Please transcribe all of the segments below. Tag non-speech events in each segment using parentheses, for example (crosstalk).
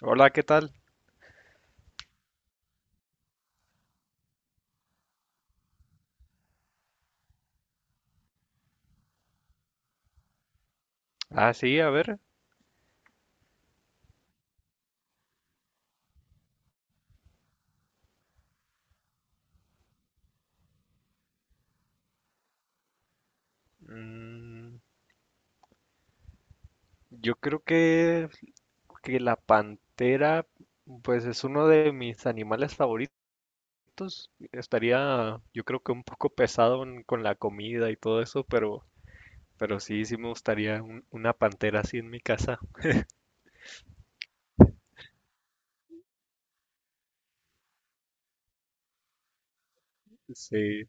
Hola, ¿qué tal? Ah, sí, a ver. mm, yo creo que la pantera, pues es uno de mis animales favoritos. Estaría, yo creo que un poco pesado con la comida y todo eso, pero sí, sí me gustaría una pantera así en mi casa. Sí,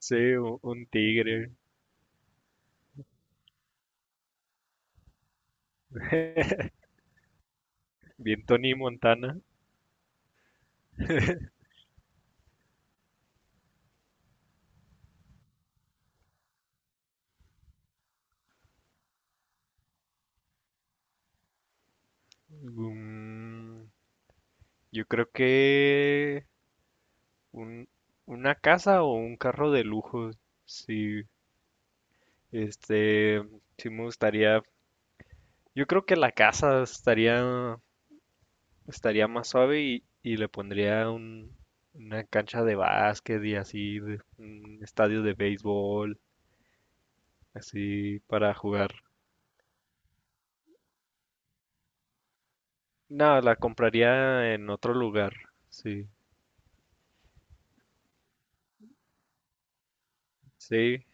sí, un tigre. (laughs) Bien Tony Montana. Mm, yo creo que un- una casa o un carro de lujo. Sí. Este, sí me gustaría, yo creo que la casa estaría, más suave y le pondría una cancha de básquet y así, un estadio de béisbol, así para jugar. No, la compraría en otro lugar, sí, sí.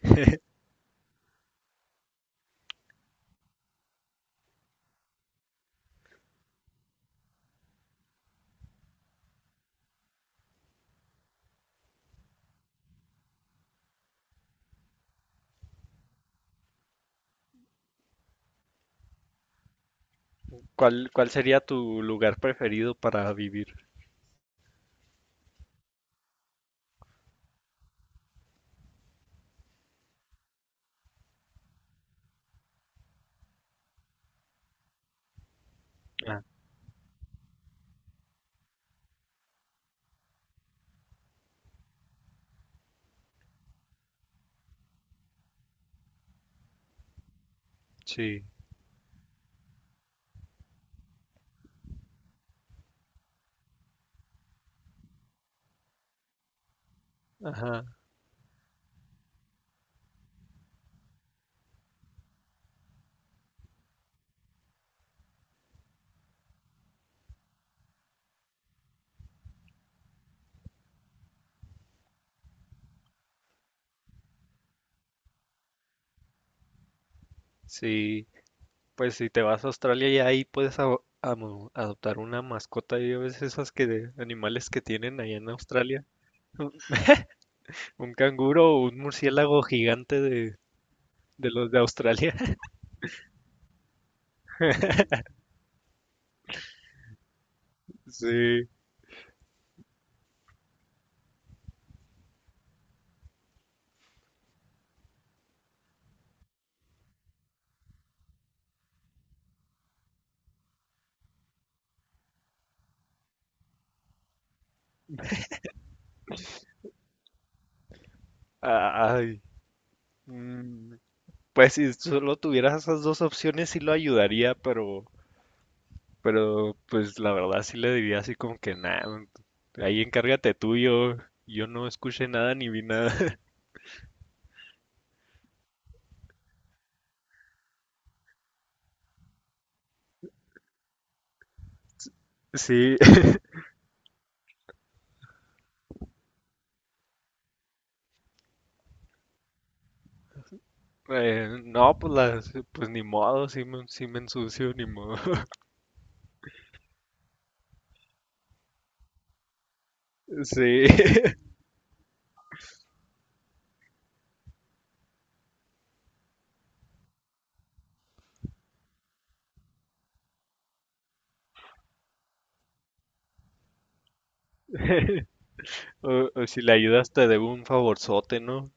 ¿Cuál sería tu lugar preferido para vivir? Ah, sí, ajá, sí. Pues si te vas a Australia y ahí puedes adoptar una mascota. Ya ves esas que de animales que tienen allá en Australia. Un canguro o un murciélago gigante de los de Australia. (laughs) Sí. Ay. mm, Pues si solo tuvieras esas dos opciones sí lo ayudaría, pero pues la verdad sí le diría así como que nada. Ahí encárgate tú, yo no escuché nada ni vi nada. (laughs) Sí. No, pues las, pues ni modo, sí me ensucio, ni modo. (laughs) Sí. (laughs) O si le ayudas te debo un favorzote, ¿no?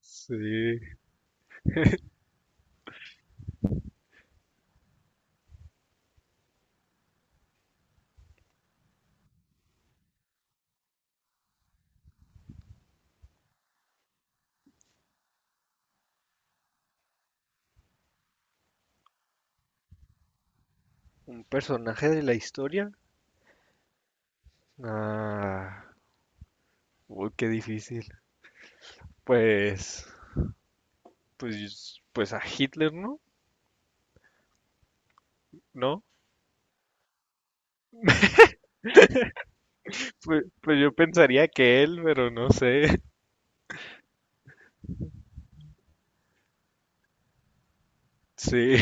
Sí. ¿Un personaje de la historia? Ah, uy, qué difícil. Pues, pues a Hitler, ¿no? ¿No? Pues yo pensaría que él, pero no sé. (laughs) Sí,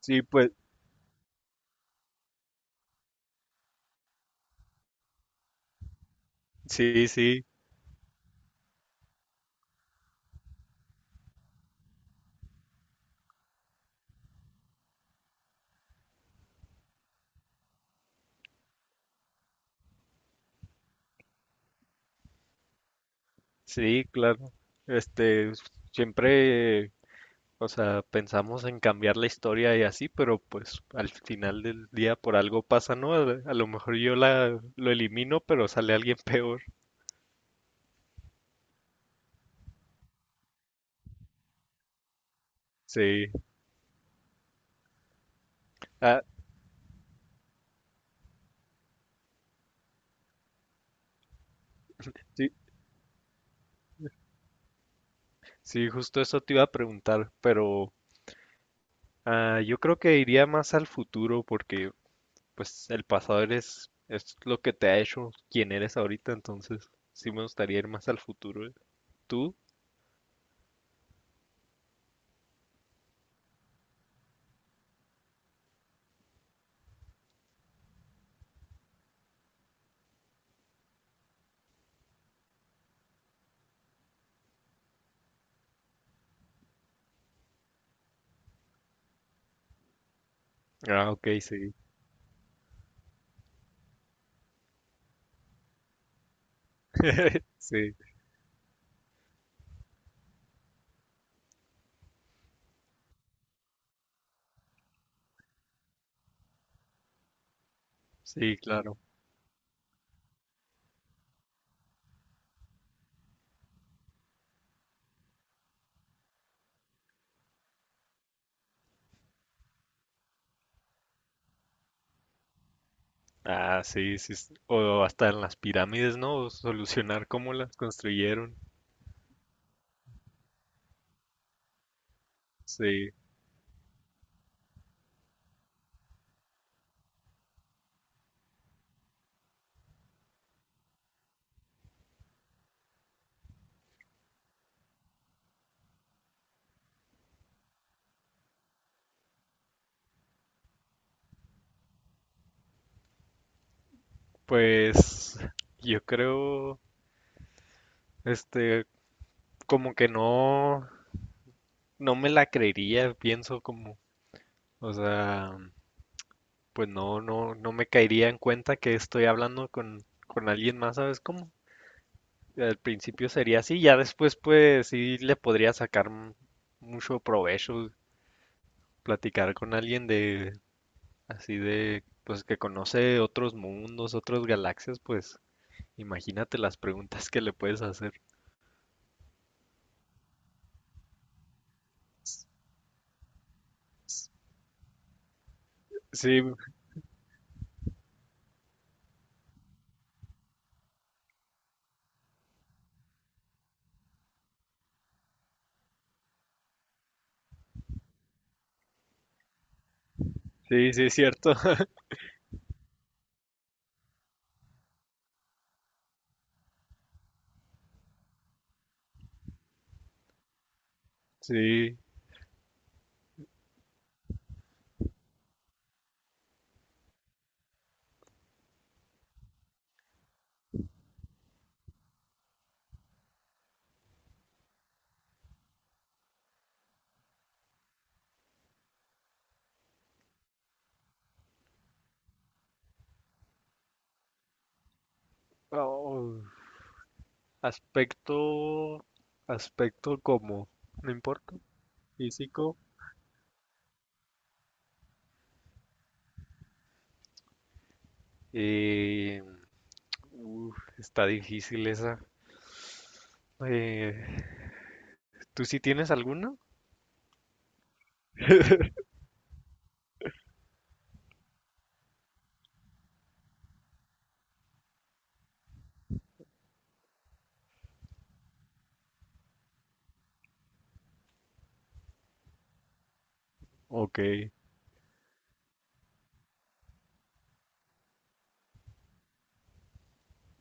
sí, pues, sí, sí, sí, claro. Este, siempre. O sea, pensamos en cambiar la historia y así, pero pues al final del día por algo pasa, ¿no? A lo mejor yo lo elimino, pero sale alguien (laughs) peor. Sí. Ah, sí, sí, justo eso te iba a preguntar, pero yo creo que iría más al futuro porque pues el pasado eres, es lo que te ha hecho quien eres ahorita, entonces sí me gustaría ir más al futuro. ¿Eh? ¿Tú? Ah, ok, sí, sí, sí, claro. Ah, sí, sí. O hasta en las pirámides, ¿no? Solucionar cómo las construyeron. Sí. Pues yo creo, este, como que no me la creería, pienso como, o sea, pues no me caería en cuenta que estoy hablando con alguien más, ¿sabes cómo? Al principio sería así, ya después pues sí le podría sacar mucho provecho platicar con alguien así de, pues que conoce otros mundos, otras galaxias, pues imagínate las preguntas que le puedes hacer. Sí, sí, sí, es cierto. (laughs) Sí. Oh, aspecto, aspecto como, no importa, físico. Eh, uf, está difícil esa. Eh, ¿tú sí tienes alguna? Ok.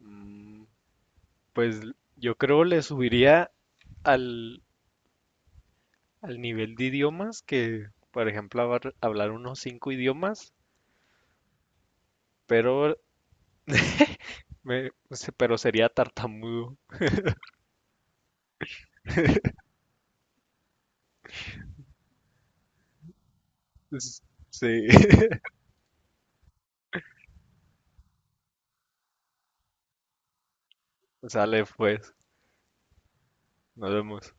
Mm, Pues yo creo le subiría al, al nivel de idiomas que, por ejemplo, hablar unos cinco idiomas, pero, pero sería tartamudo. Es- Sí, (laughs) sale pues, nos vemos.